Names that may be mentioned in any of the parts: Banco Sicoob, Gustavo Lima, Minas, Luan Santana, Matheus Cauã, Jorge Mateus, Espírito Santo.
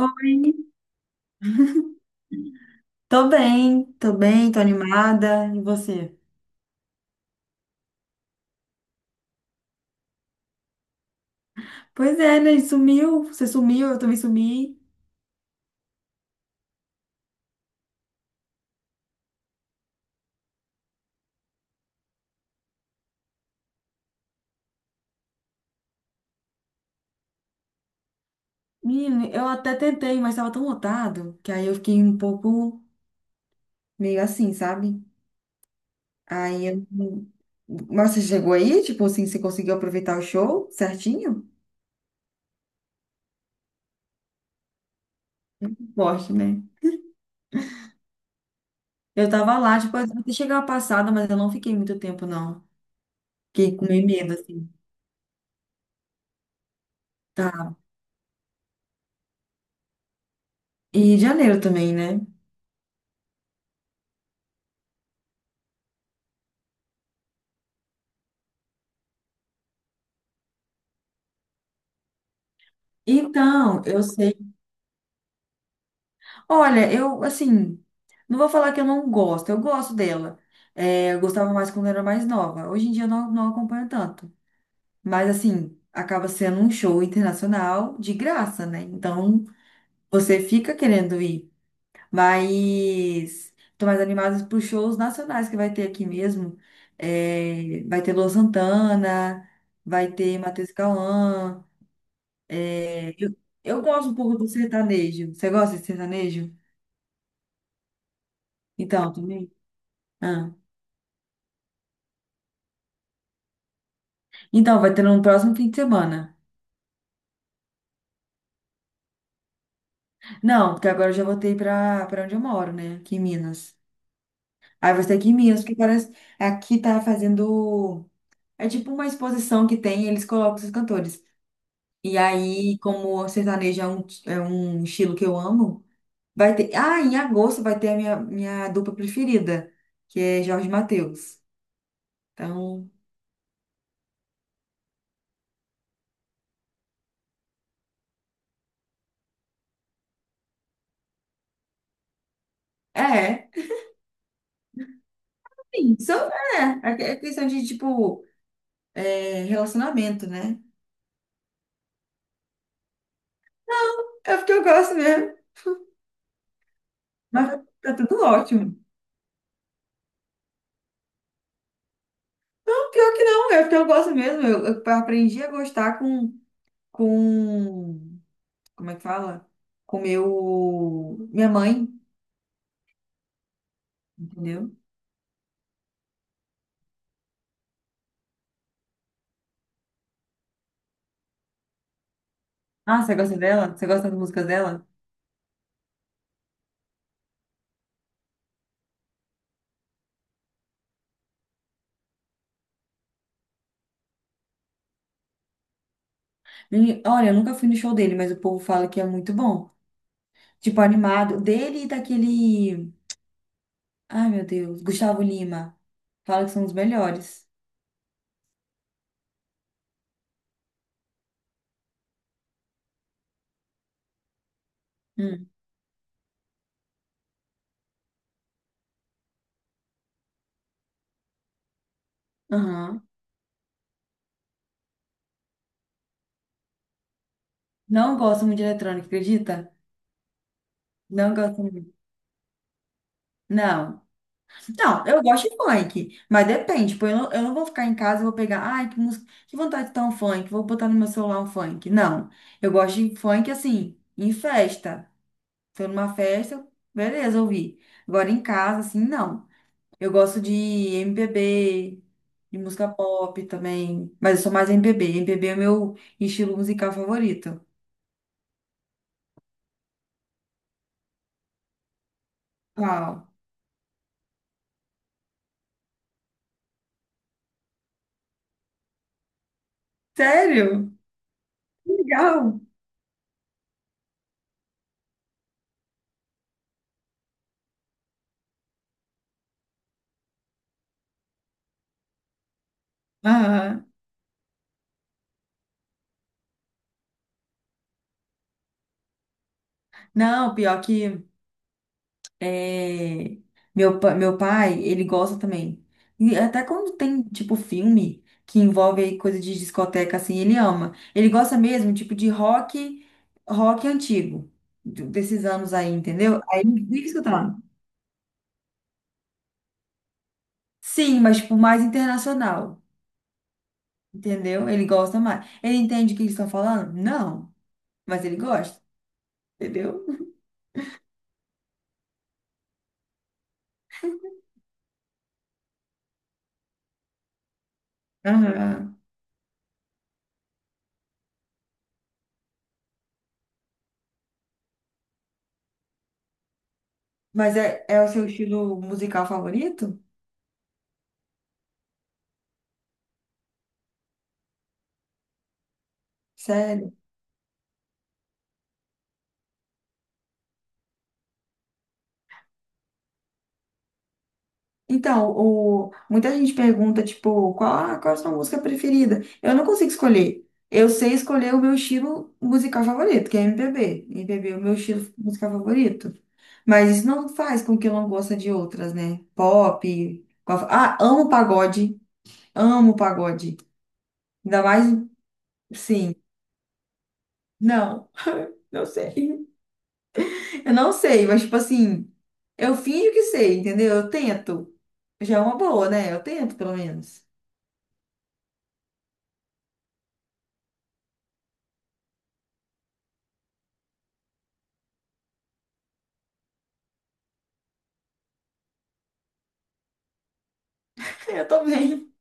Oi, tô bem, tô bem, tô animada. E você? Pois é, né? Sumiu, você sumiu, eu também sumi. Menino, eu até tentei, mas tava tão lotado que aí eu fiquei um pouco meio assim, sabe? Aí eu. Mas você chegou aí, tipo assim, você conseguiu aproveitar o show certinho? Forte, né? Eu tava lá, tipo, até chegar a passada, mas eu não fiquei muito tempo, não. Fiquei com meio medo, assim. Tá. E janeiro também, né? Então, eu sei. Olha, eu, assim, não vou falar que eu não gosto, eu gosto dela. É, eu gostava mais quando era mais nova. Hoje em dia eu não, não acompanho tanto. Mas, assim, acaba sendo um show internacional de graça, né? Então, você fica querendo ir. Mas, tô mais animada para shows nacionais que vai ter aqui mesmo. É, vai ter Luan Santana, vai ter Matheus Cauã. É, eu gosto um pouco do sertanejo. Você gosta de sertanejo? Então, também. Ah. Então, vai ter no próximo fim de semana. Não, porque agora eu já voltei pra para onde eu moro, né? Aqui em Minas. Aí vai ser aqui em Minas, porque parece. Aqui tá fazendo. É tipo uma exposição que tem, eles colocam esses cantores. E aí, como o sertanejo é um estilo que eu amo, vai ter. Ah, em agosto vai ter a minha dupla preferida, que é Jorge Mateus. Então, é. Sim, só, é questão de, tipo, relacionamento, né? É porque eu gosto mesmo. Mas tá tudo ótimo. Não, pior que não, eu gosto mesmo. Eu aprendi a gostar com. Como é que fala? Com meu. Minha mãe, entendeu? Ah, você gosta dela? Você gosta das músicas dela? E, olha, eu nunca fui no show dele, mas o povo fala que é muito bom. Tipo, animado. Dele e daquele. Ai, meu Deus, Gustavo Lima. Fala que são os melhores. Hum. Aham. Não gosto muito de eletrônica, acredita? Não gosto muito. Não. Não, eu gosto de funk, mas depende. Tipo, eu não vou ficar em casa e vou pegar, ai, que música, que vontade de dar um funk, vou botar no meu celular um funk. Não, eu gosto de funk assim, em festa. Tô numa festa, beleza, ouvi. Agora em casa, assim, não. Eu gosto de MPB, de música pop também, mas eu sou mais M M B MPB. B é o meu estilo musical favorito. Uau. Sério? Que legal. Aham. Não, pior que. É, meu pai, ele gosta também. E até quando tem, tipo, filme que envolve aí coisa de discoteca, assim, ele ama. Ele gosta mesmo, tipo, de rock, rock antigo, desses anos aí, entendeu? Aí ele vive escutando. Sim, mas, tipo, mais internacional, entendeu? Ele gosta mais. Ele entende o que eles estão falando? Não, mas ele gosta, entendeu? Aham. Mas é o seu estilo musical favorito? Sério? Então, muita gente pergunta, tipo, qual a sua música preferida? Eu não consigo escolher. Eu sei escolher o meu estilo musical favorito, que é MPB. MPB é o meu estilo musical favorito. Mas isso não faz com que eu não goste de outras, né? Pop. Ah, amo pagode. Amo pagode. Ainda mais, sim. Não, não sei. Eu não sei, mas, tipo assim, eu finjo que sei, entendeu? Eu tento. Já é uma boa, né? Eu tento, pelo menos. Eu também.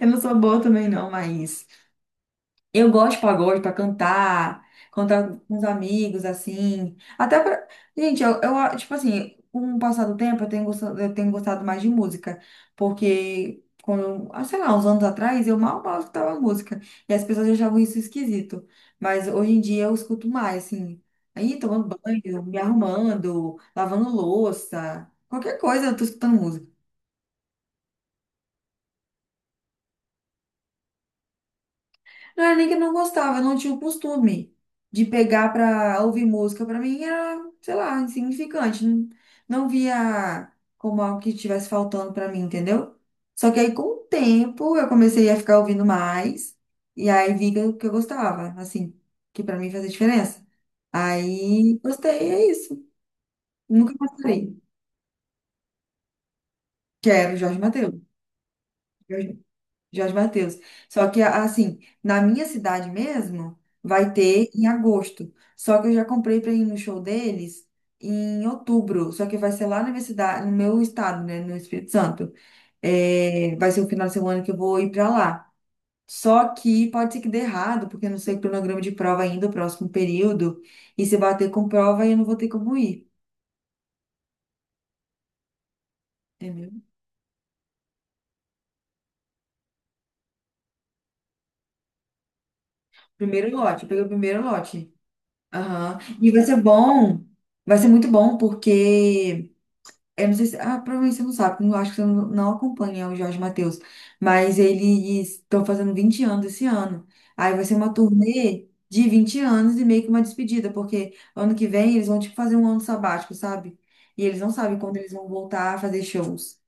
Eu não sou boa também, não, mas eu gosto de pagode pra cantar, cantar com os amigos, assim. Até pra. Gente, tipo assim, com o passar do tempo, eu tenho gostado mais de música. Porque, quando, ah, sei lá, uns anos atrás, eu mal mal escutava música. E as pessoas achavam isso esquisito. Mas hoje em dia eu escuto mais, assim. Aí, tomando banho, me arrumando, lavando louça, qualquer coisa, eu tô escutando música. Não era nem que eu não gostava, eu não tinha o costume de pegar pra ouvir música. Pra mim era, sei lá, insignificante. Não, não via como algo que estivesse faltando pra mim, entendeu? Só que aí com o tempo eu comecei a ficar ouvindo mais. E aí vi que eu gostava, assim, que pra mim fazia diferença. Aí gostei, é isso. Nunca mais parei. Quero Jorge Mateus. Jorge Mateus. Só que, assim, na minha cidade mesmo, vai ter em agosto. Só que eu já comprei para ir no show deles em outubro. Só que vai ser lá na minha cidade, no meu estado, né, no Espírito Santo. É, vai ser o final de semana que eu vou ir para lá. Só que pode ser que dê errado, porque eu não sei o cronograma de prova ainda, o próximo período. E se bater com prova, eu não vou ter como ir. Entendeu? Primeiro lote, eu peguei o primeiro lote. Aham. E vai ser bom, vai ser muito bom, porque. Eu não sei se, ah, provavelmente você não sabe, porque eu acho que você não acompanha o Jorge Mateus, mas eles estão fazendo 20 anos esse ano. Aí vai ser uma turnê de 20 anos e meio que uma despedida, porque ano que vem eles vão tipo fazer um ano sabático, sabe? E eles não sabem quando eles vão voltar a fazer shows.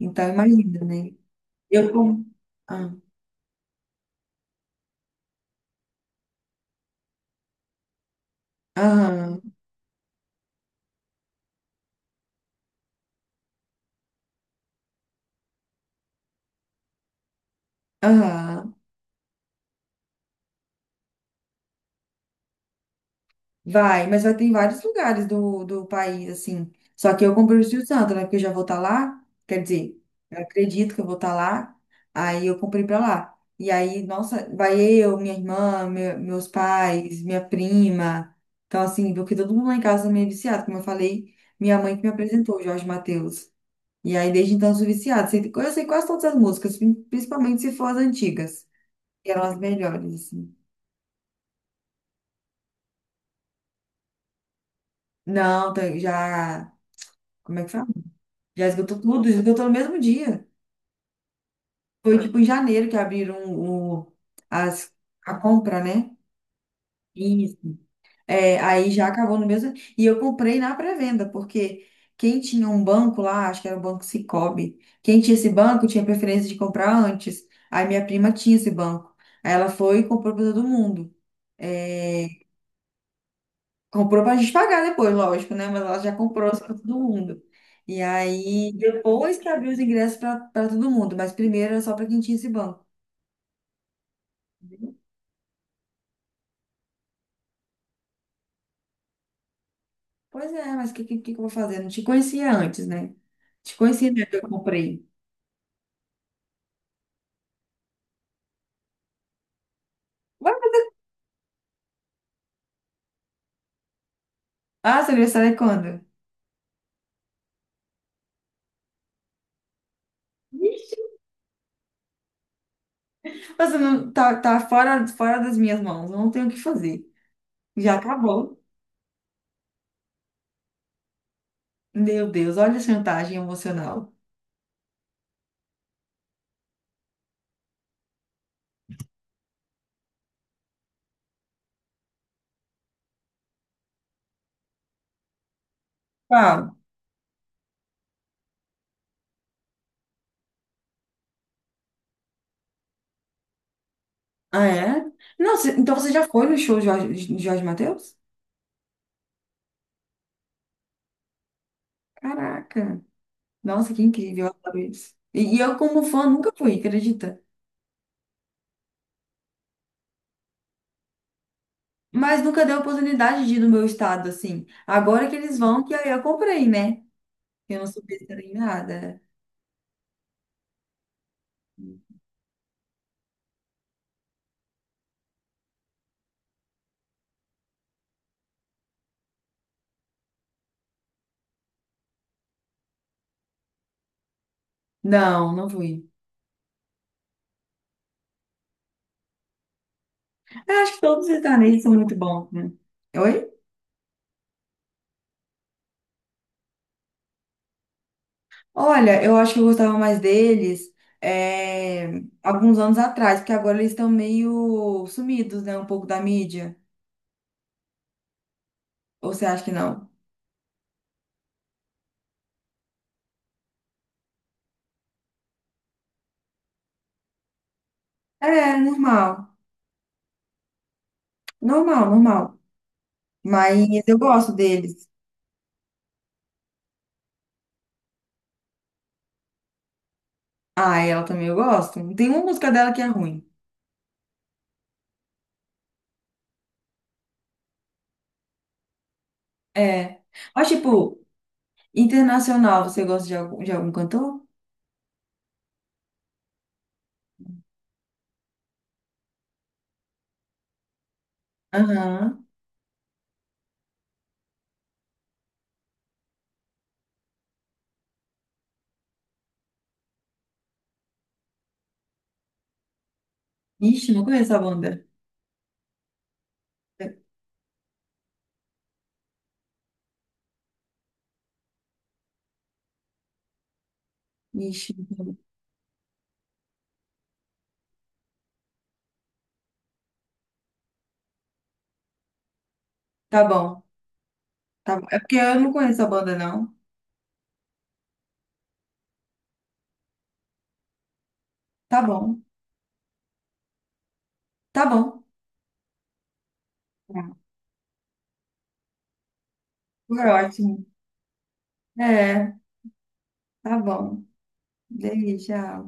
Então imagina, né? Eu como. Ah, aham, aham. Vai, mas vai ter em vários lugares do país, assim. Só que eu comprei o Espírito Santo, né? Porque eu já vou estar lá. Quer dizer, eu acredito que eu vou estar lá. Aí eu comprei pra lá. E aí, nossa, vai eu, minha irmã, meus pais, minha prima. Então, assim, porque todo mundo lá em casa é meio viciado. Como eu falei, minha mãe que me apresentou, o Jorge Mateus. E aí, desde então, eu sou viciada. Eu sei quase todas as músicas, principalmente se for as antigas, que eram as melhores, assim. Não, já. Como é que fala? Já esgotou tudo, esgotou no mesmo dia. Foi tipo em janeiro que abriram as, a compra, né? Isso. É, aí já acabou no mesmo. E eu comprei na pré-venda, porque quem tinha um banco lá, acho que era o Banco Sicoob, quem tinha esse banco tinha preferência de comprar antes. Aí minha prima tinha esse banco. Aí ela foi e comprou para todo mundo. É, comprou pra gente pagar depois, lógico, né? Mas ela já comprou para todo mundo. E aí, depois que abriu os ingressos para todo mundo, mas primeiro era só para quem tinha esse banco. Pois é, mas o que eu vou fazer? Não te conhecia antes, né? Te conhecia né, que eu comprei. Ué, ah, seu aniversário é quando? Vixe. Você não, tá fora das minhas mãos, eu não tenho o que fazer. Já acabou. Meu Deus, olha a chantagem emocional. Qual? Ah, é? Não, então você já foi no show de Jorge Mateus? Caraca. Nossa, que incrível, eu adoro isso. E eu, como fã, nunca fui, acredita? Mas nunca dei a oportunidade de ir no meu estado, assim. Agora que eles vão, que aí eu comprei, né? Eu não sou besta nem nada. Não, não fui. Eu acho que todos os sertanejos são muito bons, né? Oi? Olha, eu acho que eu gostava mais deles é, alguns anos atrás, porque agora eles estão meio sumidos, né? Um pouco da mídia. Ou você acha que não? É, normal. Normal, normal. Mas eu gosto deles. Ah, ela também eu gosto. Tem uma música dela que é ruim. É. Mas, tipo, internacional, você gosta de algum, cantor? Aham. Ixi, não conheço a banda. Ixi. Tá bom. Tá bom. É porque eu não conheço a banda, não. Tá bom. Tá bom. Tá. Foi ótimo. É, tá bom. Delícia.